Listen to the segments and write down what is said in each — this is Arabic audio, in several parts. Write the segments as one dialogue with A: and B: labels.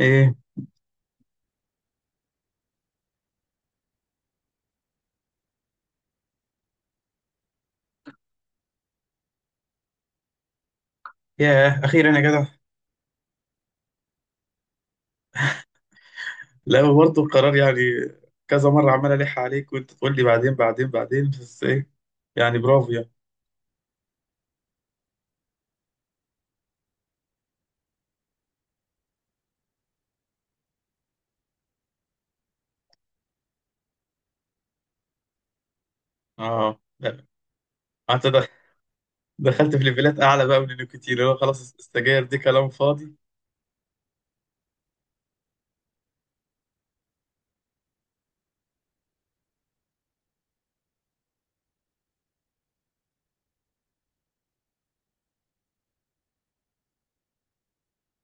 A: ايه، ياه اخيرا يا جدع! لا، برضه القرار يعني. كذا مره عمال الح عليك، وانت تقول لي بعدين بعدين بعدين، بس ايه. يعني برافو يعني. اه، لا. انت دخلت في ليفلات اعلى بقى من النيكوتين، اللي هو خلاص السجاير دي كلام فاضي.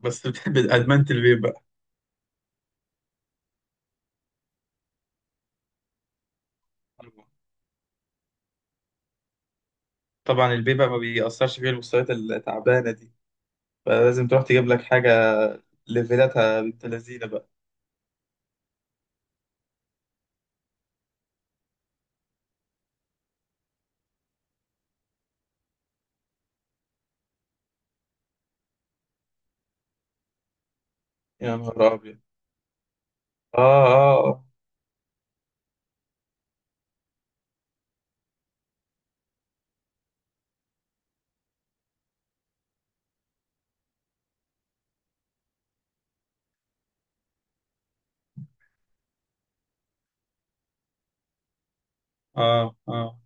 A: بس بتحب ادمنت الفيب بقى؟ طبعا الفيب بقى ما بيأثرش فيه المستويات التعبانه دي، فلازم تروح تجيب لك حاجه ليفلاتها بنت لذينه بقى. يا نهار ابيض! اه، اه. اه، اه.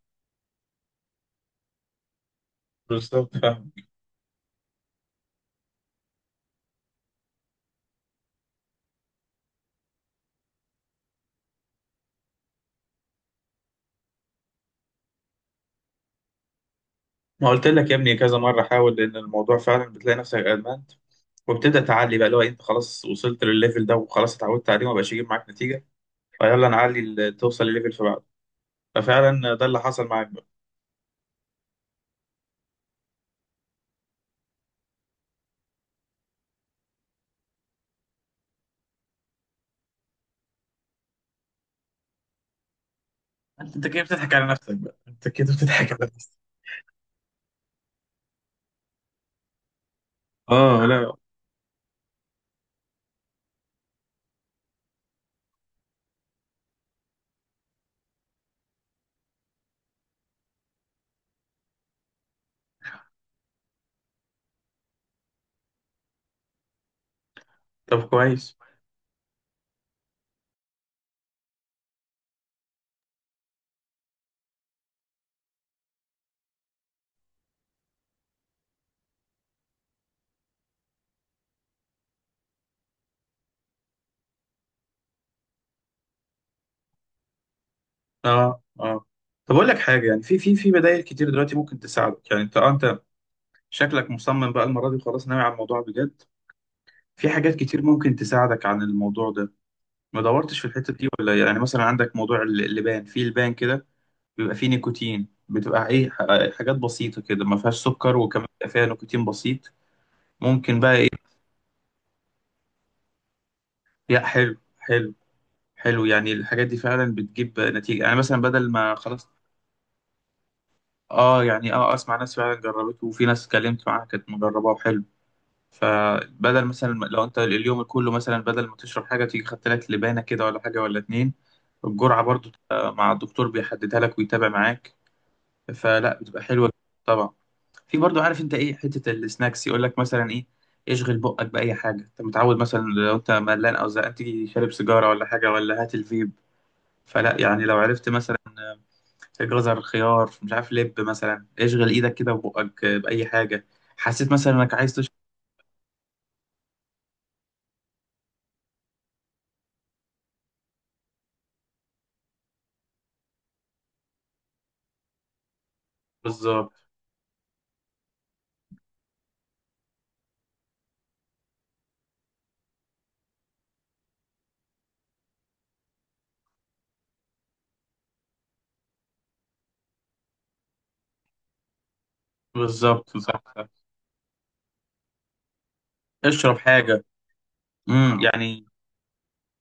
A: بالظبط، فاهم. ما قلت لك يا ابني كذا مرة حاول، لأن الموضوع فعلا بتلاقي نفسك ادمنت، وبتبدأ تعلي بقى اللي هو إيه، أنت خلاص وصلت للليفل ده وخلاص اتعودت عليه وما بقاش يجيب معاك نتيجة. فيلا نعلي توصل لليفل في بعضه. ففعلا ده اللي حصل معاك بقى. انت كده بتضحك على نفسك بقى، انت كده بتضحك على نفسك. اه، لا. طب، كويس. اه، اه. طب اقول لك حاجه، يعني في بدائل كتير دلوقتي ممكن تساعدك، يعني انت شكلك مصمم بقى المره دي، وخلاص ناوي على الموضوع بجد. في حاجات كتير ممكن تساعدك عن الموضوع ده. ما دورتش في الحتة دي ولا؟ يعني مثلا عندك موضوع اللبان، في لبان كده بيبقى فيه نيكوتين، بتبقى ايه، حاجات بسيطة كده ما فيهاش سكر، وكمان بيبقى فيها نيكوتين بسيط. ممكن بقى ايه؟ لا، حلو حلو. حلو، يعني الحاجات دي فعلا بتجيب نتيجة، يعني مثلا بدل ما خلاص. اه، يعني اه، اسمع ناس فعلا جربته، وفي ناس اتكلمت معاها كانت مجرباه وحلو. فبدل مثلا لو انت اليوم كله مثلا بدل ما تشرب حاجة، تيجي خدت لك لبانة كده ولا حاجة ولا اتنين. الجرعة برضو تبقى مع الدكتور بيحددها لك ويتابع معاك. فلا، بتبقى حلوه. طبعا. في برضو، عارف انت ايه، حته السناكس يقول لك مثلا ايه، اشغل بقك باي حاجه انت متعود، مثلا لو انت ملان او زهقان تيجي شارب سيجاره ولا حاجه ولا هات الفيب. فلا يعني، لو عرفت مثلا جزر، خيار، مش عارف لب، مثلا اشغل ايدك كده وبقك باي حاجه، حسيت مثلا انك عايز تشرب. بالظبط. بالظبط، صح صح. اشرب حاجه. يعني.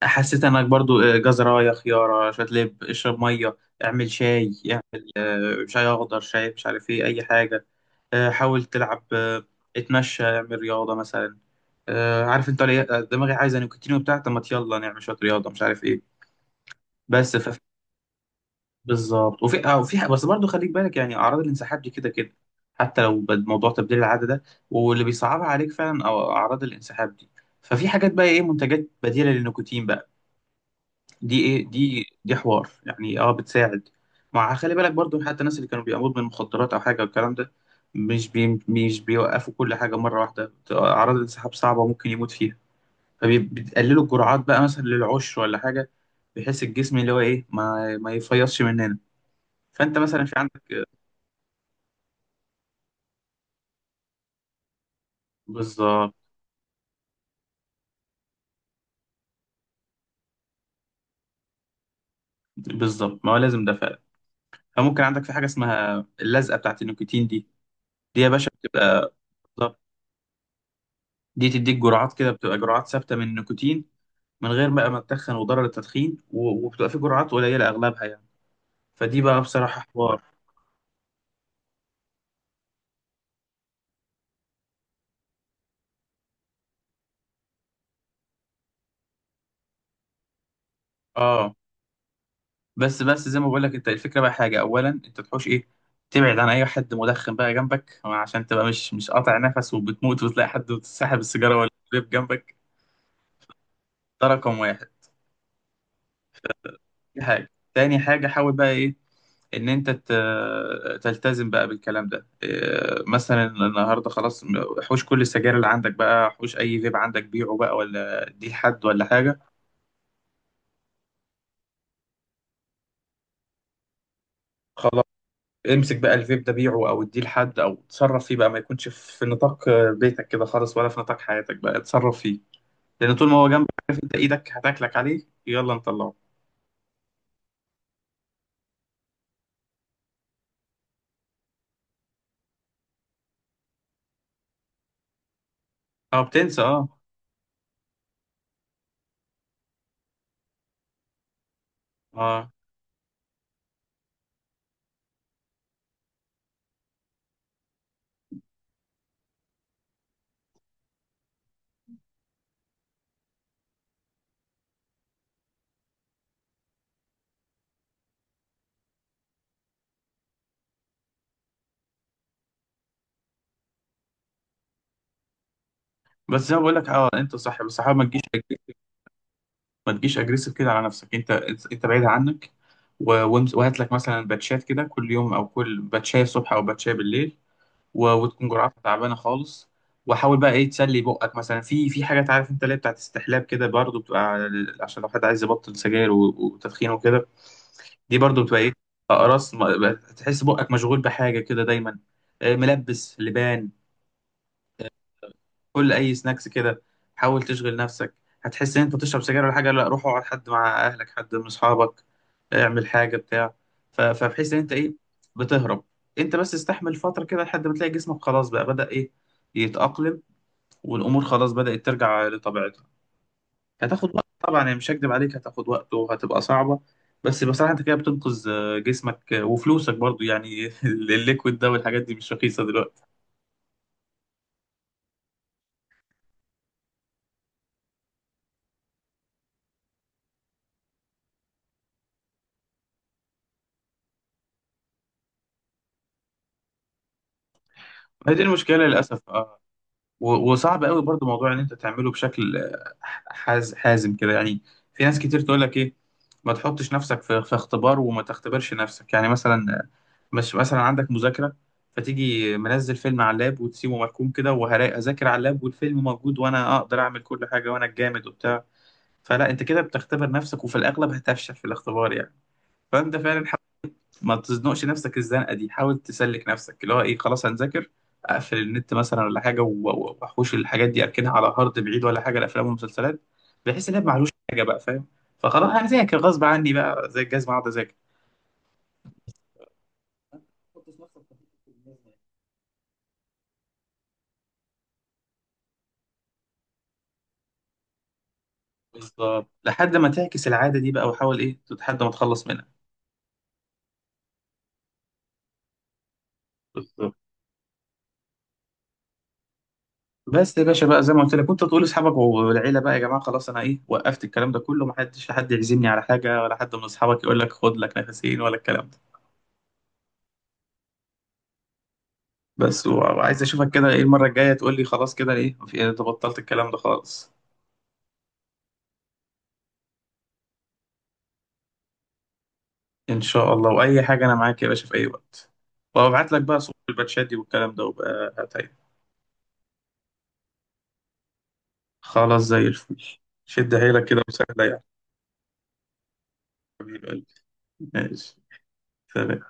A: حسيت انك برضو جزرايه، خياره، شويه لب، اشرب ميه. اعمل شاي، اعمل شاي اخضر، شاي مش عارف ايه، اي حاجه. حاول تلعب، اتمشى، اعمل رياضه مثلا. عارف انت دماغي عايزه نيكوتين وبتاع، طب ما يلا نعمل شويه رياضه، مش عارف ايه. بس. بالظبط. وفي بس برضو خليك بالك، يعني اعراض الانسحاب دي كده كده، حتى لو موضوع تبديل العاده ده واللي بيصعبها عليك فعلا أو اعراض الانسحاب دي. ففي حاجات بقى، ايه، منتجات بديله للنيكوتين بقى. دي ايه، دي حوار يعني، اه بتساعد. خلي بالك برضو حتى الناس اللي كانوا بيقاموا من مخدرات او حاجه والكلام ده، مش بيوقفوا كل حاجه مره واحده، اعراض الانسحاب صعبه ممكن يموت فيها، فبيقللوا الجرعات بقى مثلا للعشر ولا حاجه، بحيث الجسم اللي هو ايه ما يفيضش مننا. فانت مثلا، في عندك. بالظبط، بالظبط، ما هو لازم ده فعلا. فممكن عندك في حاجه اسمها اللزقه بتاعت النيكوتين دي، دي يا باشا بتبقى. بالظبط. دي تديك جرعات كده، بتبقى جرعات ثابته من النيكوتين من غير بقى ما تتخن وضرر التدخين، و- وبتبقى في جرعات قليله اغلبها يعني. فدي بقى بصراحه حوار. اه. بس زي ما بقول لك، انت الفكره بقى حاجه، اولا انت تحوش ايه، تبعد عن اي حد مدخن بقى جنبك، عشان تبقى مش قاطع نفس وبتموت وتلاقي حد ساحب السيجاره ولا الفيب جنبك. ده رقم واحد. دي حاجه، تاني حاجه حاول بقى ايه، ان انت تلتزم بقى بالكلام ده، إيه، مثلا النهارده خلاص حوش كل السجاير اللي عندك بقى، حوش اي فيب عندك، بيعه بقى ولا دي لحد ولا حاجه. امسك بقى الفيب ده، بيعه او اديه لحد او اتصرف فيه بقى، ما يكونش في نطاق بيتك كده خالص ولا في نطاق حياتك بقى، اتصرف فيه. لان طول ما هو جنبك، عارف انت ايدك هتاكلك عليه، يلا نطلعه. اه، بتنسى، اه. اه. بس زي ما بقول لك، اه انت صح، بس حاول ما تجيش اجريسيف كده على نفسك، انت. انت بعيد عنك. و- وامس- وهات لك مثلا باتشات كده كل يوم، او كل باتشايه الصبح او باتشايه بالليل، و- وتكون جرعتها تعبانه خالص. وحاول بقى ايه تسلي بقك، مثلا في حاجات عارف انت اللي هي بتاعت استحلاب كده برضه، بتبقى على عشان لو حد عايز يبطل سجاير و- وتدخين وكده. دي برضه بتبقى ايه، اقراص بقى تحس بقك مشغول بحاجه كده دايما. ملبس لبان، كل اي سناكس كده، حاول تشغل نفسك. هتحس ان انت بتشرب سجاير ولا حاجه، لا روح اقعد حد مع اهلك، حد من اصحابك، اعمل حاجه بتاع، ف- فبحيث ان انت ايه بتهرب. انت بس استحمل فتره كده لحد ما تلاقي جسمك خلاص بقى بدأ ايه يتأقلم، والامور خلاص بدأت ترجع لطبيعتها. هتاخد وقت طبعا يعني، مش هكدب عليك، هتاخد وقت وهتبقى صعبة. بس بصراحة انت كده بتنقذ جسمك، وفلوسك برضو يعني الليكويد ده والحاجات دي مش رخيصة دلوقتي. هي دي المشكلة للأسف، اه. و- وصعب قوي برضو موضوع ان انت تعمله بشكل حازم كده يعني. في ناس كتير تقول لك، ايه، ما تحطش نفسك في اختبار، وما تختبرش نفسك يعني مثلا، مش مثلا عندك مذاكرة، فتيجي منزل فيلم على اللاب وتسيبه مركون كده، وهذاكر على اللاب والفيلم موجود، وانا اقدر اعمل كل حاجة وانا الجامد وبتاع. فلا، انت كده بتختبر نفسك، وفي الاغلب هتفشل في الاختبار يعني. فانت فعلا حاول ما تزنقش نفسك الزنقة دي، حاول تسلك نفسك اللي هو ايه، خلاص هنذاكر، اقفل النت مثلا ولا حاجة، و- و- واحوش الحاجات دي، اركنها على هارد بعيد ولا حاجة، الافلام والمسلسلات، بحيث ان هي معلوش، حاجة بقى فاهم. فخلاص هذاكر غصب عني بقى زي الجزمة، اقعد اذاكر. بالظبط، لحد ما تعكس العادة دي بقى، وحاول إيه لحد ما تخلص منها. بالظبط. بس يا باشا بقى، زي ما قلت لك كنت تقول لاصحابك والعيله بقى، يا جماعه خلاص انا ايه وقفت الكلام ده كله، ما حدش حد يعزمني على حاجه، ولا حد من اصحابك يقول لك خد لك نفسين ولا الكلام ده. بس و- وعايز اشوفك كده ايه، المره الجايه تقول لي خلاص كده ايه، في انت بطلت الكلام ده خالص. ان شاء الله، واي حاجه انا معاك يا باشا في اي وقت، وابعت لك بقى صور الباتشات دي والكلام ده، وبقى هتعمل. خلاص زي الفل. شد حيلك كده وسهله يعني. حبيب قلبي. ماشي. سلام.